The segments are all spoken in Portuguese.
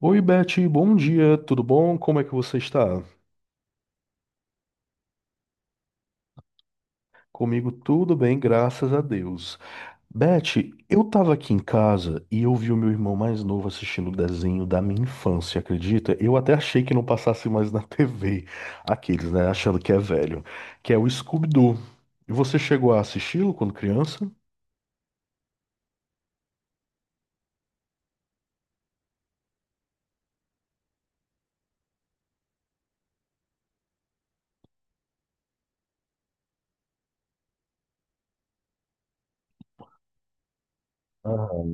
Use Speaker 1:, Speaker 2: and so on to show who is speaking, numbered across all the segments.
Speaker 1: Oi, Beth, bom dia, tudo bom? Como é que você está? Comigo tudo bem, graças a Deus. Beth, eu estava aqui em casa e eu vi o meu irmão mais novo assistindo o desenho da minha infância, acredita? Eu até achei que não passasse mais na TV, aqueles, né, achando que é velho, que é o Scooby-Doo. E você chegou a assisti-lo quando criança? Aham.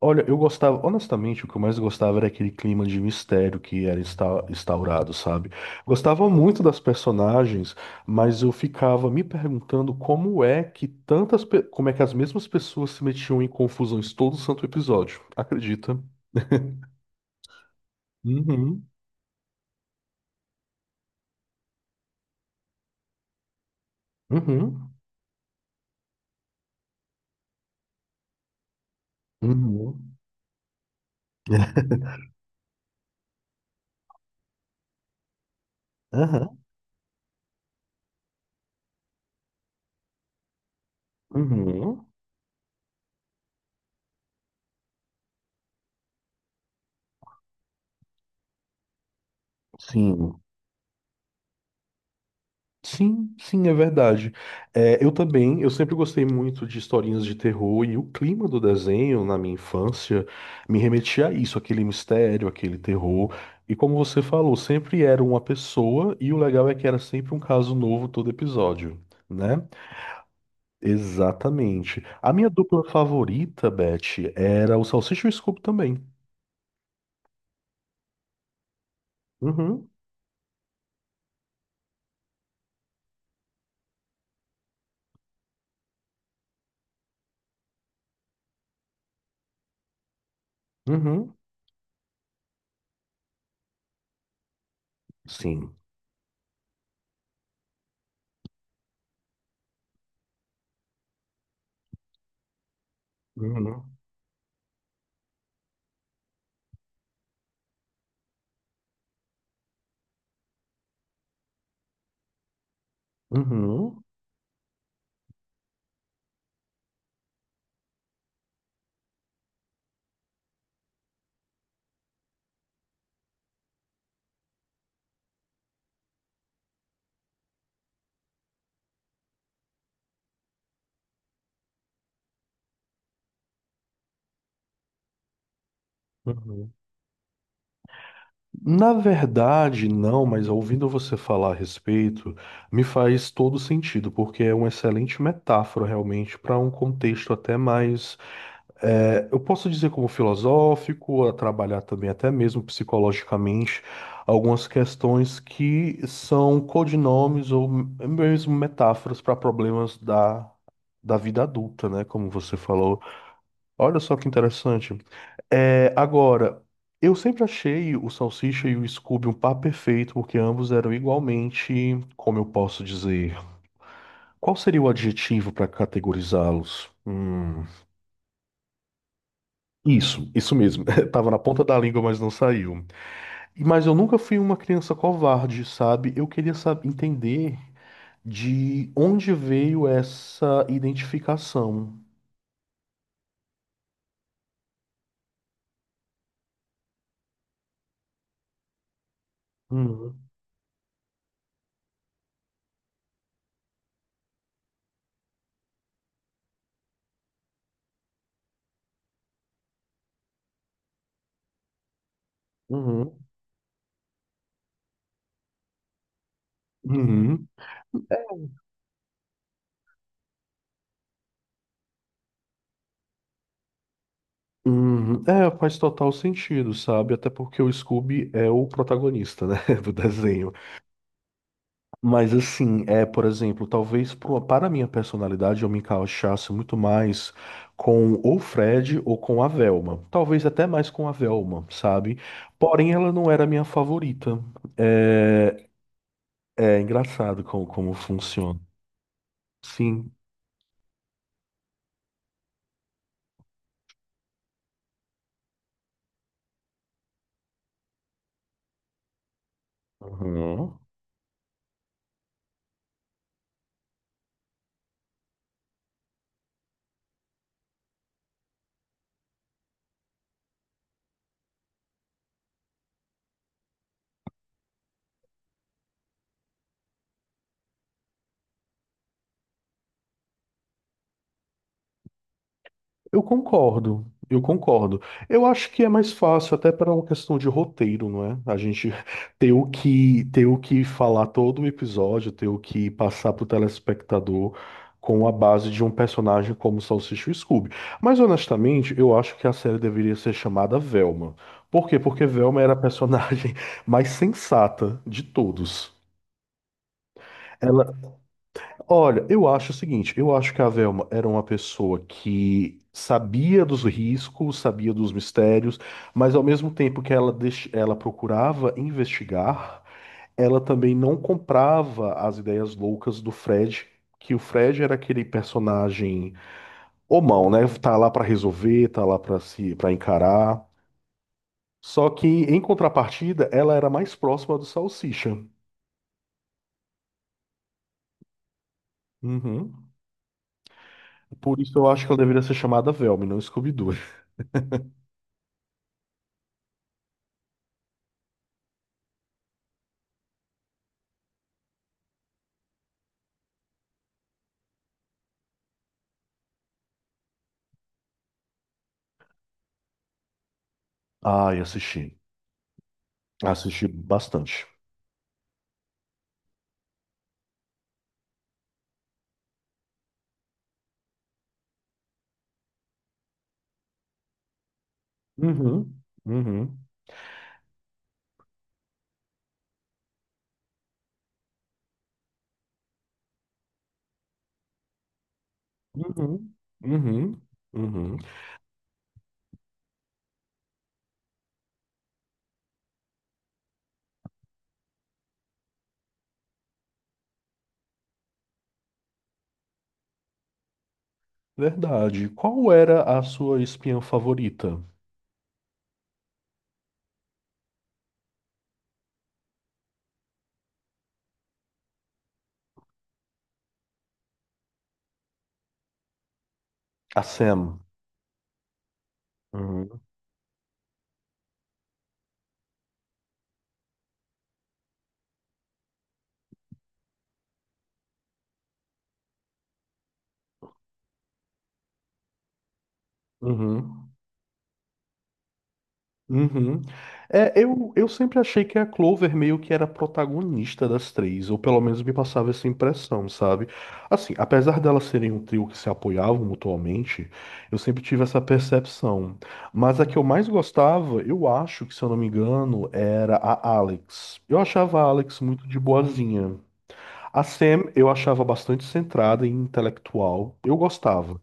Speaker 1: Olha, eu gostava, honestamente, o que eu mais gostava era aquele clima de mistério que era instaurado, sabe? Gostava muito das personagens, mas eu ficava me perguntando como é que como é que as mesmas pessoas se metiam em confusões todo santo episódio. Acredita? Uhum, uhum, uhum, aham, uhum. Sim. Sim, sim, é verdade. É, eu também, eu sempre gostei muito de historinhas de terror e o clima do desenho na minha infância me remetia a isso, aquele mistério, aquele terror. E como você falou, sempre era uma pessoa e o legal é que era sempre um caso novo todo episódio, né? Exatamente. A minha dupla favorita, Beth, era o Salsicha e o Scooby também. Uhum, uhum, sim. Uhum, uhum, uhum. Na verdade, não, mas ouvindo você falar a respeito, me faz todo sentido, porque é uma excelente metáfora realmente para um contexto até mais, eu posso dizer como filosófico, a trabalhar também até mesmo psicologicamente algumas questões que são codinomes ou mesmo metáforas para problemas da vida adulta, né? Como você falou. Olha só que interessante. É, agora, eu sempre achei o Salsicha e o Scooby um par perfeito, porque ambos eram igualmente, como eu posso dizer, qual seria o adjetivo para categorizá-los? Isso, isso mesmo. Tava na ponta da língua, mas não saiu. Mas eu nunca fui uma criança covarde, sabe? Eu queria saber, entender de onde veio essa identificação. Uhum, uhum, uhum. Uhum. É, faz total sentido, sabe? Até porque o Scooby é o protagonista, né, do desenho. Mas assim, é, por exemplo, para a minha personalidade eu me encaixasse muito mais com ou Fred ou com a Velma. Talvez até mais com a Velma, sabe? Porém, ela não era a minha favorita. É, é engraçado como funciona. Sim. Uhum. Eu concordo, eu concordo. Eu acho que é mais fácil até para uma questão de roteiro, não é? A gente ter o que falar todo o episódio, ter o que passar para o telespectador com a base de um personagem como Salsicha e Scooby. Mas honestamente, eu acho que a série deveria ser chamada Velma. Por quê? Porque Velma era a personagem mais sensata de todos. Olha, eu acho o seguinte, eu acho que a Velma era uma pessoa que sabia dos riscos, sabia dos mistérios, mas ao mesmo tempo que ela procurava investigar, ela também não comprava as ideias loucas do Fred, que o Fred era aquele personagem homão, né? Tá lá pra resolver, tá lá pra se para encarar. Só que em contrapartida, ela era mais próxima do Salsicha. Uhum. Por isso eu acho que ela deveria ser chamada Velma, e não Scooby-Doo. Ai, assisti. Assisti bastante. Uhum, uhum, uhum, uhum, uhum. Verdade. Qual era a sua espiã favorita? A Sam. Uhum, uhum. Uhum. É, eu sempre achei que a Clover meio que era a protagonista das três, ou pelo menos me passava essa impressão, sabe? Assim, apesar delas serem um trio que se apoiavam mutuamente, eu sempre tive essa percepção. Mas a que eu mais gostava, eu acho que, se eu não me engano, era a Alex. Eu achava a Alex muito de boazinha. A Sam eu achava bastante centrada e intelectual. Eu gostava.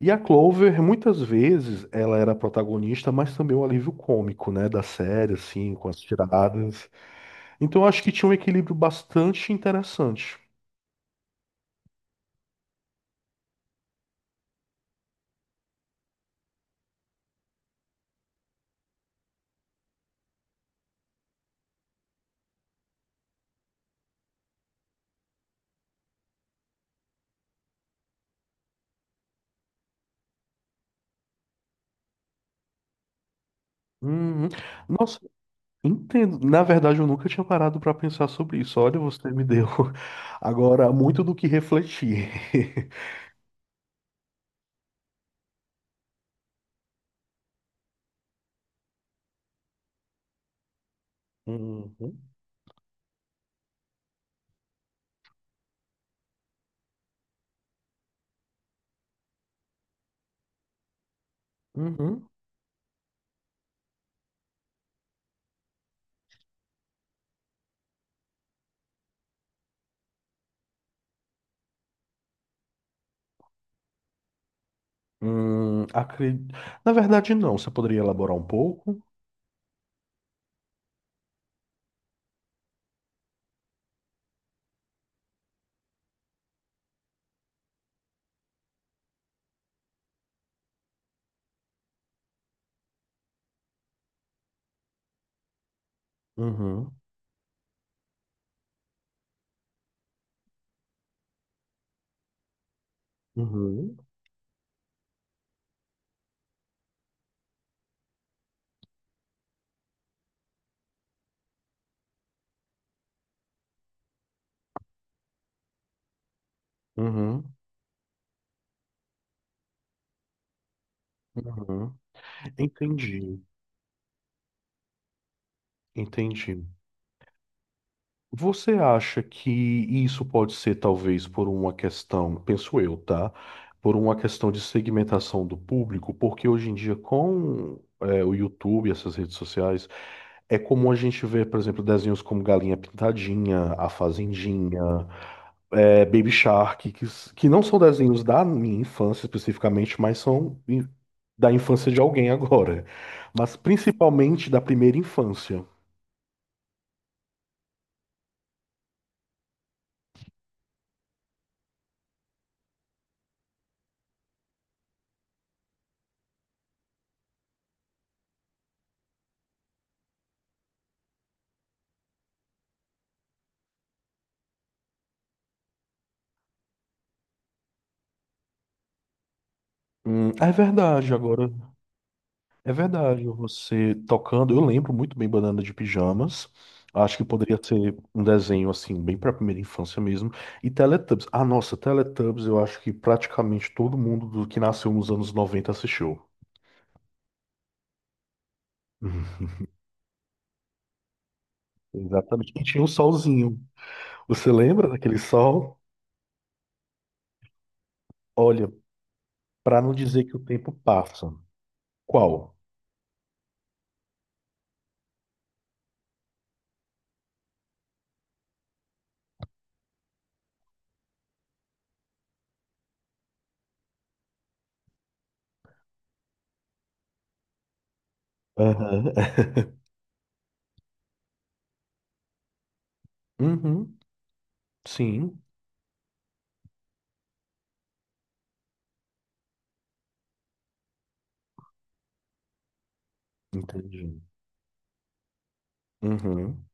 Speaker 1: E a Clover, muitas vezes, ela era a protagonista, mas também o alívio cômico, né, da série, assim, com as tiradas. Então, eu acho que tinha um equilíbrio bastante interessante. Uhum. Nossa, entendo. Na verdade, eu nunca tinha parado para pensar sobre isso. Olha, você me deu agora muito do que refletir. Uhum. Uhum. Hum, acre- Na verdade, não. Você poderia elaborar um pouco? Uhum. Uhum. Uhum. Uhum. Entendi. Entendi. Você acha que isso pode ser talvez por uma questão, penso eu, tá? Por uma questão de segmentação do público, porque hoje em dia o YouTube, essas redes sociais, é comum a gente ver, por exemplo, desenhos como Galinha Pintadinha, A Fazendinha, Baby Shark, que não são desenhos da minha infância especificamente, mas da infância de alguém agora, mas principalmente da primeira infância. É verdade, agora. É verdade, você tocando, eu lembro muito bem Banana de Pijamas. Acho que poderia ser um desenho assim, bem para a primeira infância mesmo. E Teletubbies. Ah, nossa, Teletubbies, eu acho que praticamente todo mundo do que nasceu nos anos noventa assistiu. Uhum. Exatamente. E tinha um solzinho. Você lembra daquele sol? Olha, para não dizer que o tempo passa. Qual? Aham. Uhum. Sim, entendi. Uhum.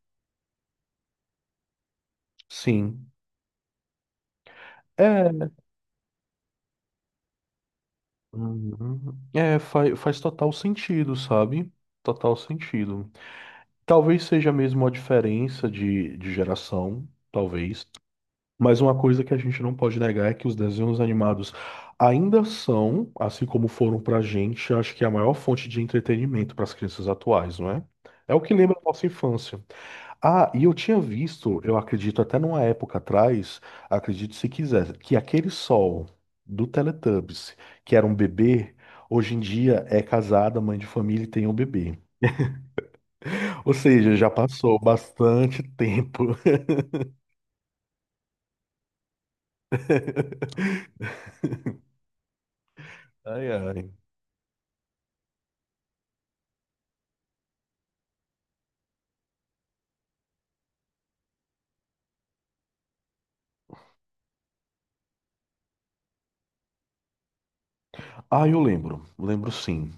Speaker 1: Sim. É. Uhum. É, faz total sentido, sabe? Total sentido. Talvez seja mesmo a diferença de geração, talvez. Mas uma coisa que a gente não pode negar é que os desenhos animados ainda são, assim como foram pra gente, acho que é a maior fonte de entretenimento para as crianças atuais, não é? É o que lembra a nossa infância. Ah, eu acredito até numa época atrás, acredito se quiser, que aquele sol do Teletubbies, que era um bebê, hoje em dia é casada, mãe de família e tem um bebê. Ou seja, já passou bastante tempo. Ai, ai. Ah, eu lembro, lembro sim.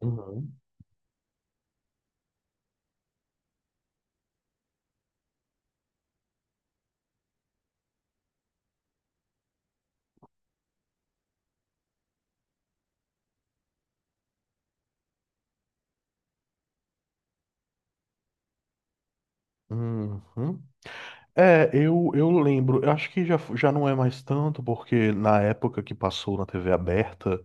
Speaker 1: Uhum. Uhum. É, eu lembro, eu acho que já não é mais tanto, porque na época que passou na TV aberta.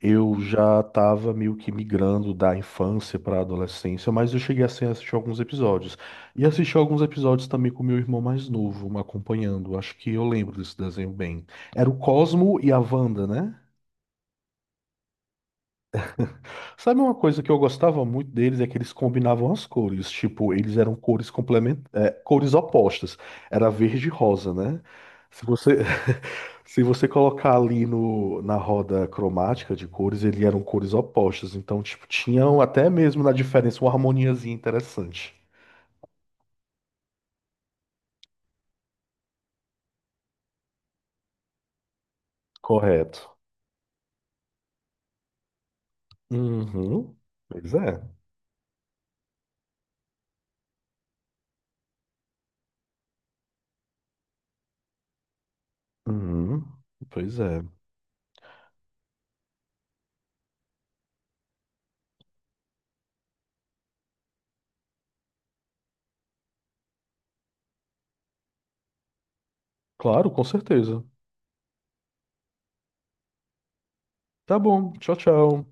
Speaker 1: Eu já estava meio que migrando da infância para a adolescência, mas eu cheguei assim, a assistir alguns episódios. E assisti alguns episódios também com meu irmão mais novo, me acompanhando. Acho que eu lembro desse desenho bem. Era o Cosmo e a Wanda, né? Sabe uma coisa que eu gostava muito deles é que eles combinavam as cores. Tipo, eles eram cores complement... é, cores opostas. Era verde e rosa, né? Se você, se você colocar ali no, na roda cromática de cores, eles eram cores opostas. Então, tipo, tinham até mesmo na diferença uma harmoniazinha interessante. Correto. Uhum. Pois é. Uhum. Pois é. Claro, com certeza. Tá bom. Tchau, tchau.